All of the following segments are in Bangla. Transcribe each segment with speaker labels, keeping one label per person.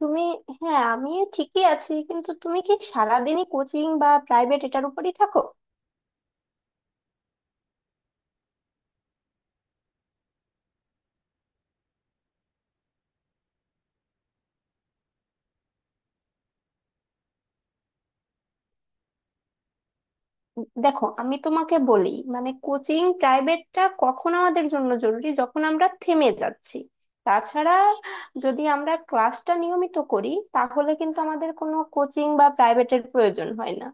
Speaker 1: তুমি? হ্যাঁ আমি ঠিকই আছি, কিন্তু তুমি কি সারাদিনই কোচিং বা প্রাইভেট এটার উপরই থাকো? দেখো, আমি তোমাকে বলি, মানে কোচিং প্রাইভেটটা কখন আমাদের জন্য জরুরি যখন আমরা থেমে যাচ্ছি। তাছাড়া যদি আমরা ক্লাসটা নিয়মিত করি তাহলে কিন্তু আমাদের কোনো কোচিং বা প্রাইভেটের প্রয়োজন হয় না।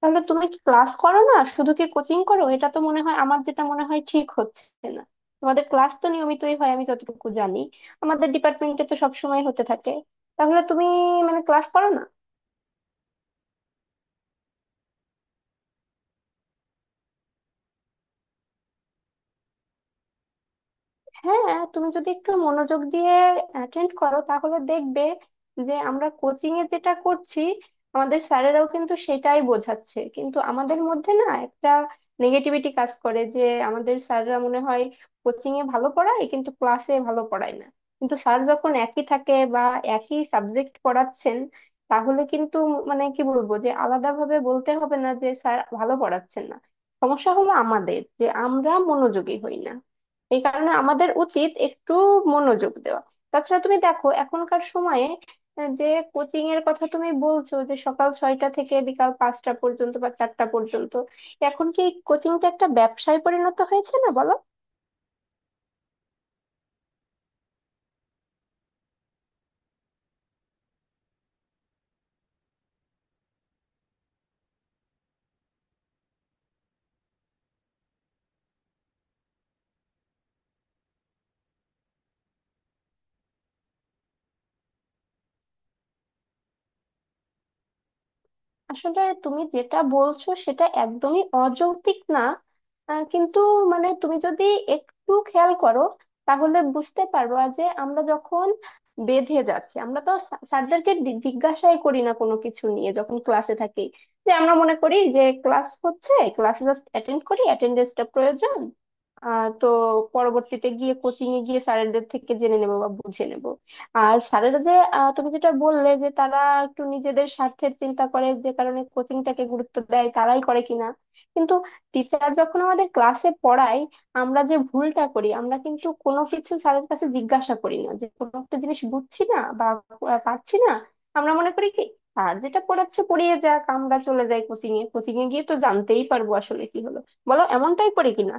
Speaker 1: তাহলে তুমি কি ক্লাস করো না, শুধু কি কোচিং করো? এটা তো মনে হয় আমার, যেটা মনে হয় ঠিক হচ্ছে না। তোমাদের ক্লাস তো নিয়মিতই হয় আমি যতটুকু জানি, আমাদের ডিপার্টমেন্টে তো সবসময় হতে থাকে। তাহলে তুমি মানে ক্লাস করো না? হ্যাঁ তুমি যদি একটু মনোযোগ দিয়ে অ্যাটেন্ড করো তাহলে দেখবে যে আমরা কোচিং এ যেটা করছি আমাদের স্যারেরাও কিন্তু সেটাই বোঝাচ্ছে, কিন্তু আমাদের মধ্যে না একটা নেগেটিভিটি কাজ করে যে আমাদের স্যাররা মনে হয় কোচিং এ ভালো পড়ায় কিন্তু ক্লাসে ভালো পড়ায় না। কিন্তু স্যার যখন একই থাকে বা একই সাবজেক্ট পড়াচ্ছেন, তাহলে কিন্তু মানে কি বলবো, যে আলাদাভাবে বলতে হবে না যে স্যার ভালো পড়াচ্ছেন না। সমস্যা হলো আমাদের, যে আমরা মনোযোগী হই না। এই কারণে আমাদের উচিত একটু মনোযোগ দেওয়া। তাছাড়া তুমি দেখো এখনকার সময়ে, যে কোচিং এর কথা তুমি বলছো যে সকাল 6টা থেকে বিকাল 5টা পর্যন্ত বা 4টা পর্যন্ত, এখন কি কোচিংটা একটা ব্যবসায় পরিণত হয়েছে না বলো? আসলে তুমি যেটা বলছো সেটা একদমই অযৌক্তিক না। কিন্তু মানে তুমি যদি একটু খেয়াল করো তাহলে বুঝতে পারবা যে আমরা যখন বেঁধে যাচ্ছি আমরা তো স্যারদেরকে জিজ্ঞাসাই করি না কোনো কিছু নিয়ে যখন ক্লাসে থাকি, যে আমরা মনে করি যে ক্লাস হচ্ছে, ক্লাসে জাস্ট অ্যাটেন্ড করি, অ্যাটেন্ডেন্সটা প্রয়োজন। তো পরবর্তীতে গিয়ে কোচিং এ গিয়ে স্যারদের থেকে জেনে নেবো বা বুঝে নেব। আর স্যারেরা যে তুমি যেটা বললে যে তারা একটু নিজেদের স্বার্থের চিন্তা করে, যে কারণে কোচিংটাকে গুরুত্ব দেয়, তারাই করে কিনা। কিন্তু টিচার যখন আমাদের ক্লাসে পড়ায়, আমরা যে ভুলটা করি আমরা কিন্তু কোনো কিছু স্যারের কাছে জিজ্ঞাসা করি না যে কোনো একটা জিনিস বুঝছি না বা পারছি না। আমরা মনে করি কি আর, যেটা পড়াচ্ছে পড়িয়ে যাক, আমরা চলে যাই কোচিং এ, কোচিং এ গিয়ে তো জানতেই পারবো আসলে কি হলো। বলো এমনটাই করি কিনা।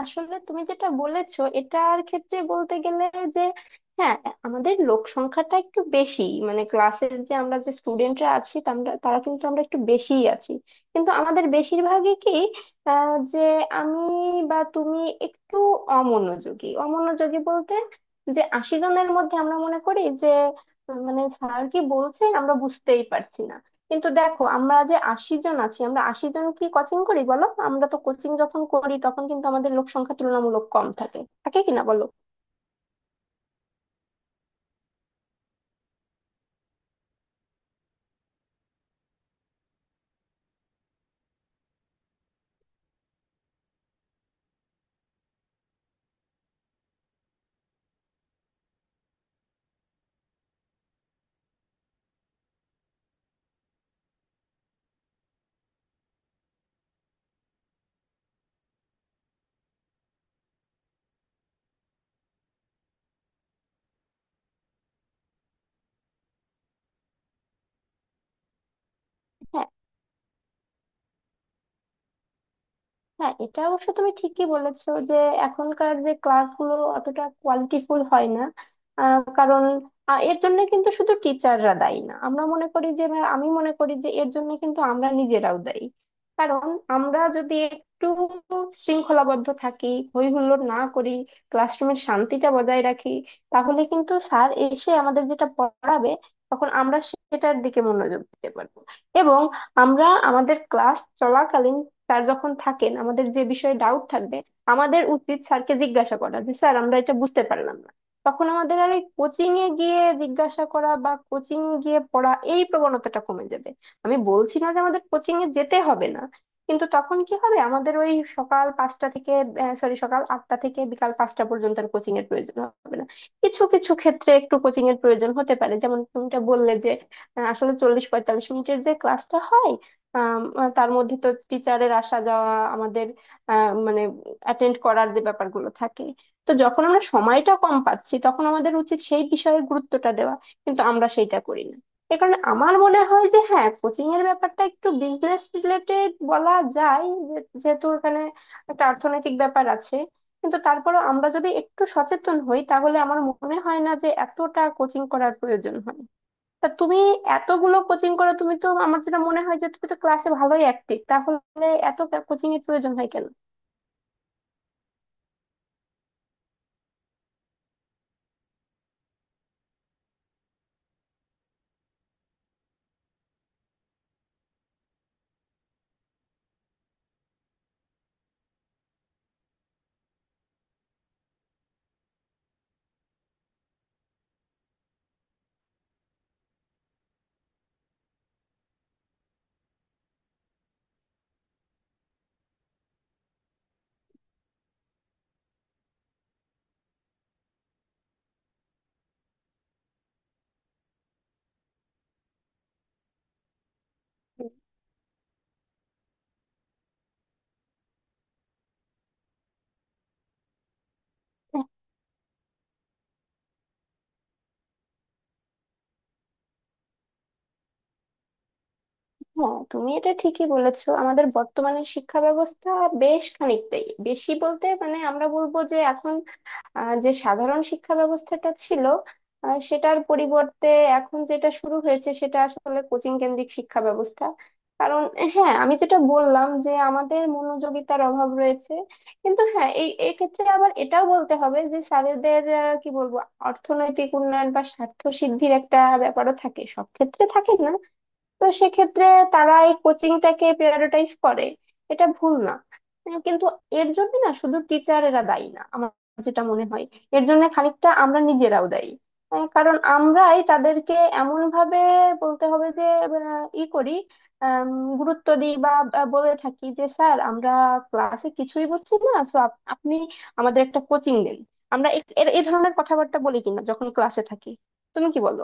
Speaker 1: আসলে তুমি যেটা বলেছো এটার ক্ষেত্রে বলতে গেলে যে হ্যাঁ, আমাদের লোক সংখ্যাটা একটু বেশি, মানে ক্লাসের যে আমরা যে স্টুডেন্টরা আছি তারা তারা কিন্তু আমরা একটু বেশিই আছি। কিন্তু আমাদের বেশিরভাগই কি যে আমি বা তুমি একটু অমনোযোগী, অমনোযোগী বলতে যে 80 জনের মধ্যে আমরা মনে করি যে মানে স্যার কি বলছেন আমরা বুঝতেই পারছি না। কিন্তু দেখো আমরা যে 80 জন আছি, আমরা 80 জন কি কোচিং করি বলো? আমরা তো কোচিং যখন করি তখন কিন্তু আমাদের লোক সংখ্যা তুলনামূলক কম থাকে থাকে কিনা বলো। হ্যাঁ। হ্যাঁ এটা অবশ্য তুমি ঠিকই বলেছো যে এখনকার যে ক্লাসগুলো অতটা কোয়ালিটিফুল হয় না। কারণ এর জন্য কিন্তু শুধু টিচাররা দায়ী না, আমরা মনে করি যে বা আমি মনে করি যে এর জন্য কিন্তু আমরা নিজেরাও দায়ী। কারণ আমরা যদি একটু শৃঙ্খলাবদ্ধ থাকি, হই হুল্লোড় না করি, ক্লাসরুমের শান্তিটা বজায় রাখি, তাহলে কিন্তু স্যার এসে আমাদের যেটা পড়াবে তখন আমরা সেটার দিকে মনোযোগ দিতে পারবো। এবং আমরা আমাদের ক্লাস চলাকালীন স্যার যখন থাকেন আমাদের যে বিষয়ে ডাউট থাকবে আমাদের উচিত স্যারকে জিজ্ঞাসা করা যে স্যার আমরা এটা বুঝতে পারলাম না। তখন আমাদের আর এই কোচিং এ গিয়ে জিজ্ঞাসা করা বা কোচিং এ গিয়ে পড়া এই প্রবণতাটা কমে যাবে। আমি বলছি না যে আমাদের কোচিং এ যেতে হবে না, কিন্তু তখন কি হবে আমাদের ওই সকাল 5টা থেকে, সরি সকাল 8টা থেকে বিকাল পাঁচটা পর্যন্ত আর কোচিং এর প্রয়োজন হবে না। কিছু কিছু ক্ষেত্রে একটু কোচিং এর প্রয়োজন হতে পারে, যেমন তুমিটা বললে যে আসলে 40-45 মিনিটের যে ক্লাসটা হয়, আম, তার মধ্যে তো টিচারের আসা যাওয়া, আমাদের মানে অ্যাটেন্ড করার যে ব্যাপারগুলো থাকে। তো যখন আমরা সময়টা কম পাচ্ছি তখন আমাদের উচিত সেই বিষয়ে গুরুত্বটা দেওয়া। কিন্তু আমরা সেইটা করি না। এ কারণে আমার মনে হয় যে হ্যাঁ, কোচিং এর ব্যাপারটা একটু বিজনেস রিলেটেড বলা যায়, যেহেতু এখানে একটা অর্থনৈতিক ব্যাপার আছে। কিন্তু তারপরেও আমরা যদি একটু সচেতন হই তাহলে আমার মনে হয় না যে এতটা কোচিং করার প্রয়োজন হয়। তা তুমি এতগুলো কোচিং করো, তুমি তো, আমার যেটা মনে হয় যে তুমি তো ক্লাসে ভালোই অ্যাক্টিভ, তাহলে এত কোচিং এর প্রয়োজন হয় কেন? হ্যাঁ তুমি এটা ঠিকই বলেছো, আমাদের বর্তমানে শিক্ষা ব্যবস্থা বেশ খানিকটাই বেশি, বলতে মানে আমরা বলবো যে এখন যে সাধারণ শিক্ষা ব্যবস্থাটা ছিল সেটার পরিবর্তে এখন যেটা শুরু হয়েছে সেটা আসলে কোচিং কেন্দ্রিক শিক্ষা ব্যবস্থা। কারণ হ্যাঁ আমি যেটা বললাম যে আমাদের মনোযোগিতার অভাব রয়েছে। কিন্তু হ্যাঁ এই এক্ষেত্রে আবার এটাও বলতে হবে যে স্যারেদের কি বলবো, অর্থনৈতিক উন্নয়ন বা স্বার্থ সিদ্ধির একটা ব্যাপারও থাকে, সব ক্ষেত্রে থাকে না। তো সেক্ষেত্রে তারা এই কোচিংটাকে প্রায়োরিটাইজ করে, এটা ভুল না। কিন্তু এর জন্য না, শুধু টিচারেরা দায়ী না, আমার যেটা মনে হয় এর জন্য খানিকটা আমরা নিজেরাও দায়ী। কারণ আমরাই তাদেরকে এমন ভাবে বলতে হবে যে ই করি, আম, গুরুত্ব দিই বা বা বলে থাকি যে স্যার আমরা ক্লাসে কিছুই বুঝছি না, সো আপনি আমাদের একটা কোচিং দিন। আমরা এ এ- এ ধরনের কথাবার্তা বলি কিনা যখন ক্লাসে থাকি, তুমি কি বলো?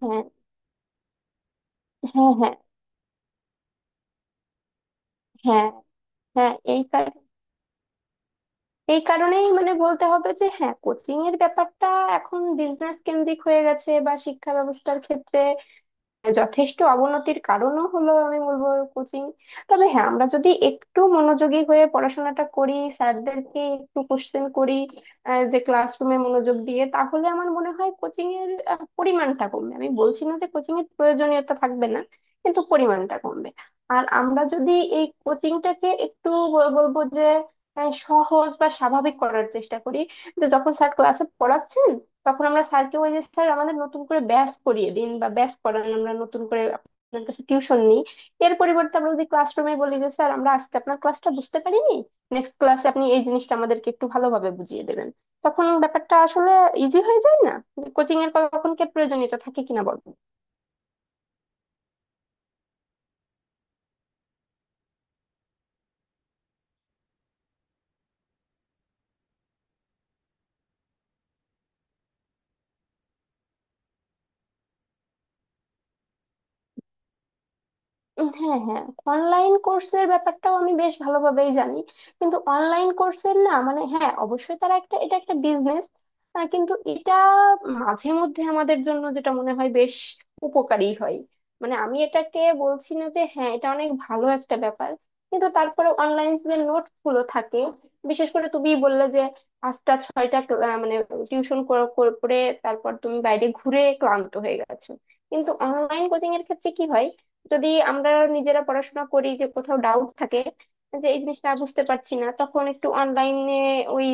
Speaker 1: হ্যাঁ। হ্যাঁ। হ্যাঁ। হ্যাঁ। হ্যাঁ এই এই কারণেই মানে বলতে হবে যে হ্যাঁ, কোচিং এর ব্যাপারটা এখন বিজনেস কেন্দ্রিক হয়ে গেছে বা শিক্ষা ব্যবস্থার ক্ষেত্রে যথেষ্ট অবনতির কারণও হলো আমি বলবো কোচিং। তবে হ্যাঁ, আমরা যদি একটু মনোযোগী হয়ে পড়াশোনাটা করি, স্যারদেরকে একটু কোশ্চেন করি যে ক্লাসরুমে মনোযোগ দিয়ে, তাহলে আমার মনে হয় কোচিং এর পরিমাণটা কমবে। আমি বলছি না যে কোচিং এর প্রয়োজনীয়তা থাকবে না, কিন্তু পরিমাণটা কমবে। আর আমরা যদি এই কোচিংটাকে একটু বলবো যে সহজ বা স্বাভাবিক করার চেষ্টা করি, যে যখন স্যার ক্লাসে পড়াচ্ছেন তখন আমরা স্যারকে, ওই যে স্যার আমাদের নতুন করে ব্যাচ করিয়ে দিন বা ব্যাচ করান আমরা নতুন করে আপনার কাছে টিউশন নিই, এর পরিবর্তে আমরা যদি ক্লাসরুমে বলি যে স্যার আমরা আজকে আপনার ক্লাসটা বুঝতে পারিনি, নেক্সট ক্লাসে আপনি এই জিনিসটা আমাদেরকে একটু ভালোভাবে বুঝিয়ে দেবেন, তখন ব্যাপারটা আসলে ইজি হয়ে যায় না? কোচিং এর কখন কে প্রয়োজনীয়তা থাকে কিনা বলো। হ্যাঁ, হ্যাঁ। অনলাইন কোর্সের ব্যাপারটাও আমি বেশ ভালোভাবেই জানি। কিন্তু অনলাইন কোর্সের না, মানে হ্যাঁ অবশ্যই তারা একটা, এটা একটা বিজনেস, কিন্তু এটা মাঝে মধ্যে আমাদের জন্য যেটা মনে হয় বেশ উপকারী হয়। মানে আমি এটাকে বলছি না যে হ্যাঁ এটা অনেক ভালো একটা ব্যাপার, কিন্তু তারপরে অনলাইন যে নোটস গুলো থাকে, বিশেষ করে তুমি বললে যে 5-6টা মানে টিউশন করে তারপর তুমি বাইরে ঘুরে ক্লান্ত হয়ে গেছো, কিন্তু অনলাইন কোচিং এর ক্ষেত্রে কি হয়, যদি আমরা নিজেরা পড়াশোনা করি, যে কোথাও ডাউট থাকে যে এই জিনিসটা বুঝতে পারছি না, তখন একটু অনলাইনে ওই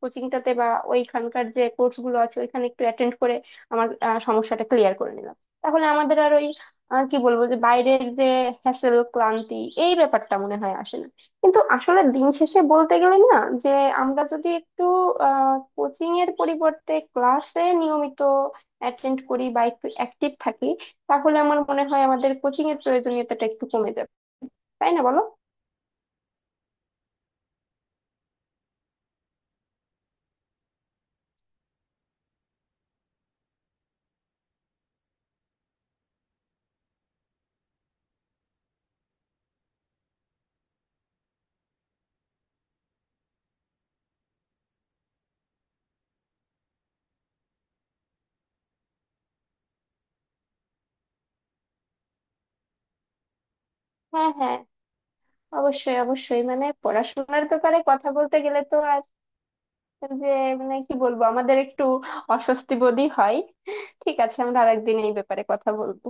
Speaker 1: কোচিংটাতে বা ওইখানকার যে কোর্স গুলো আছে ওইখানে একটু অ্যাটেন্ড করে আমার সমস্যাটা ক্লিয়ার করে নিলাম, তাহলে আমাদের আর ওই কি বলবো যে বাইরের যে হ্যাসেল, ক্লান্তি, এই ব্যাপারটা মনে হয় আসে না। কিন্তু আসলে দিন শেষে বলতে গেলে না, যে আমরা যদি একটু কোচিং এর পরিবর্তে ক্লাসে নিয়মিত অ্যাটেন্ড করি বা একটু অ্যাক্টিভ থাকি, তাহলে আমার মনে হয় আমাদের কোচিং এর প্রয়োজনীয়তাটা একটু কমে যাবে। তাই না বলো? হ্যাঁ, হ্যাঁ। অবশ্যই অবশ্যই, মানে পড়াশোনার ব্যাপারে কথা বলতে গেলে তো আর, যে মানে কি বলবো আমাদের একটু অস্বস্তি বোধই হয়। ঠিক আছে, আমরা আরেকদিন এই ব্যাপারে কথা বলবো।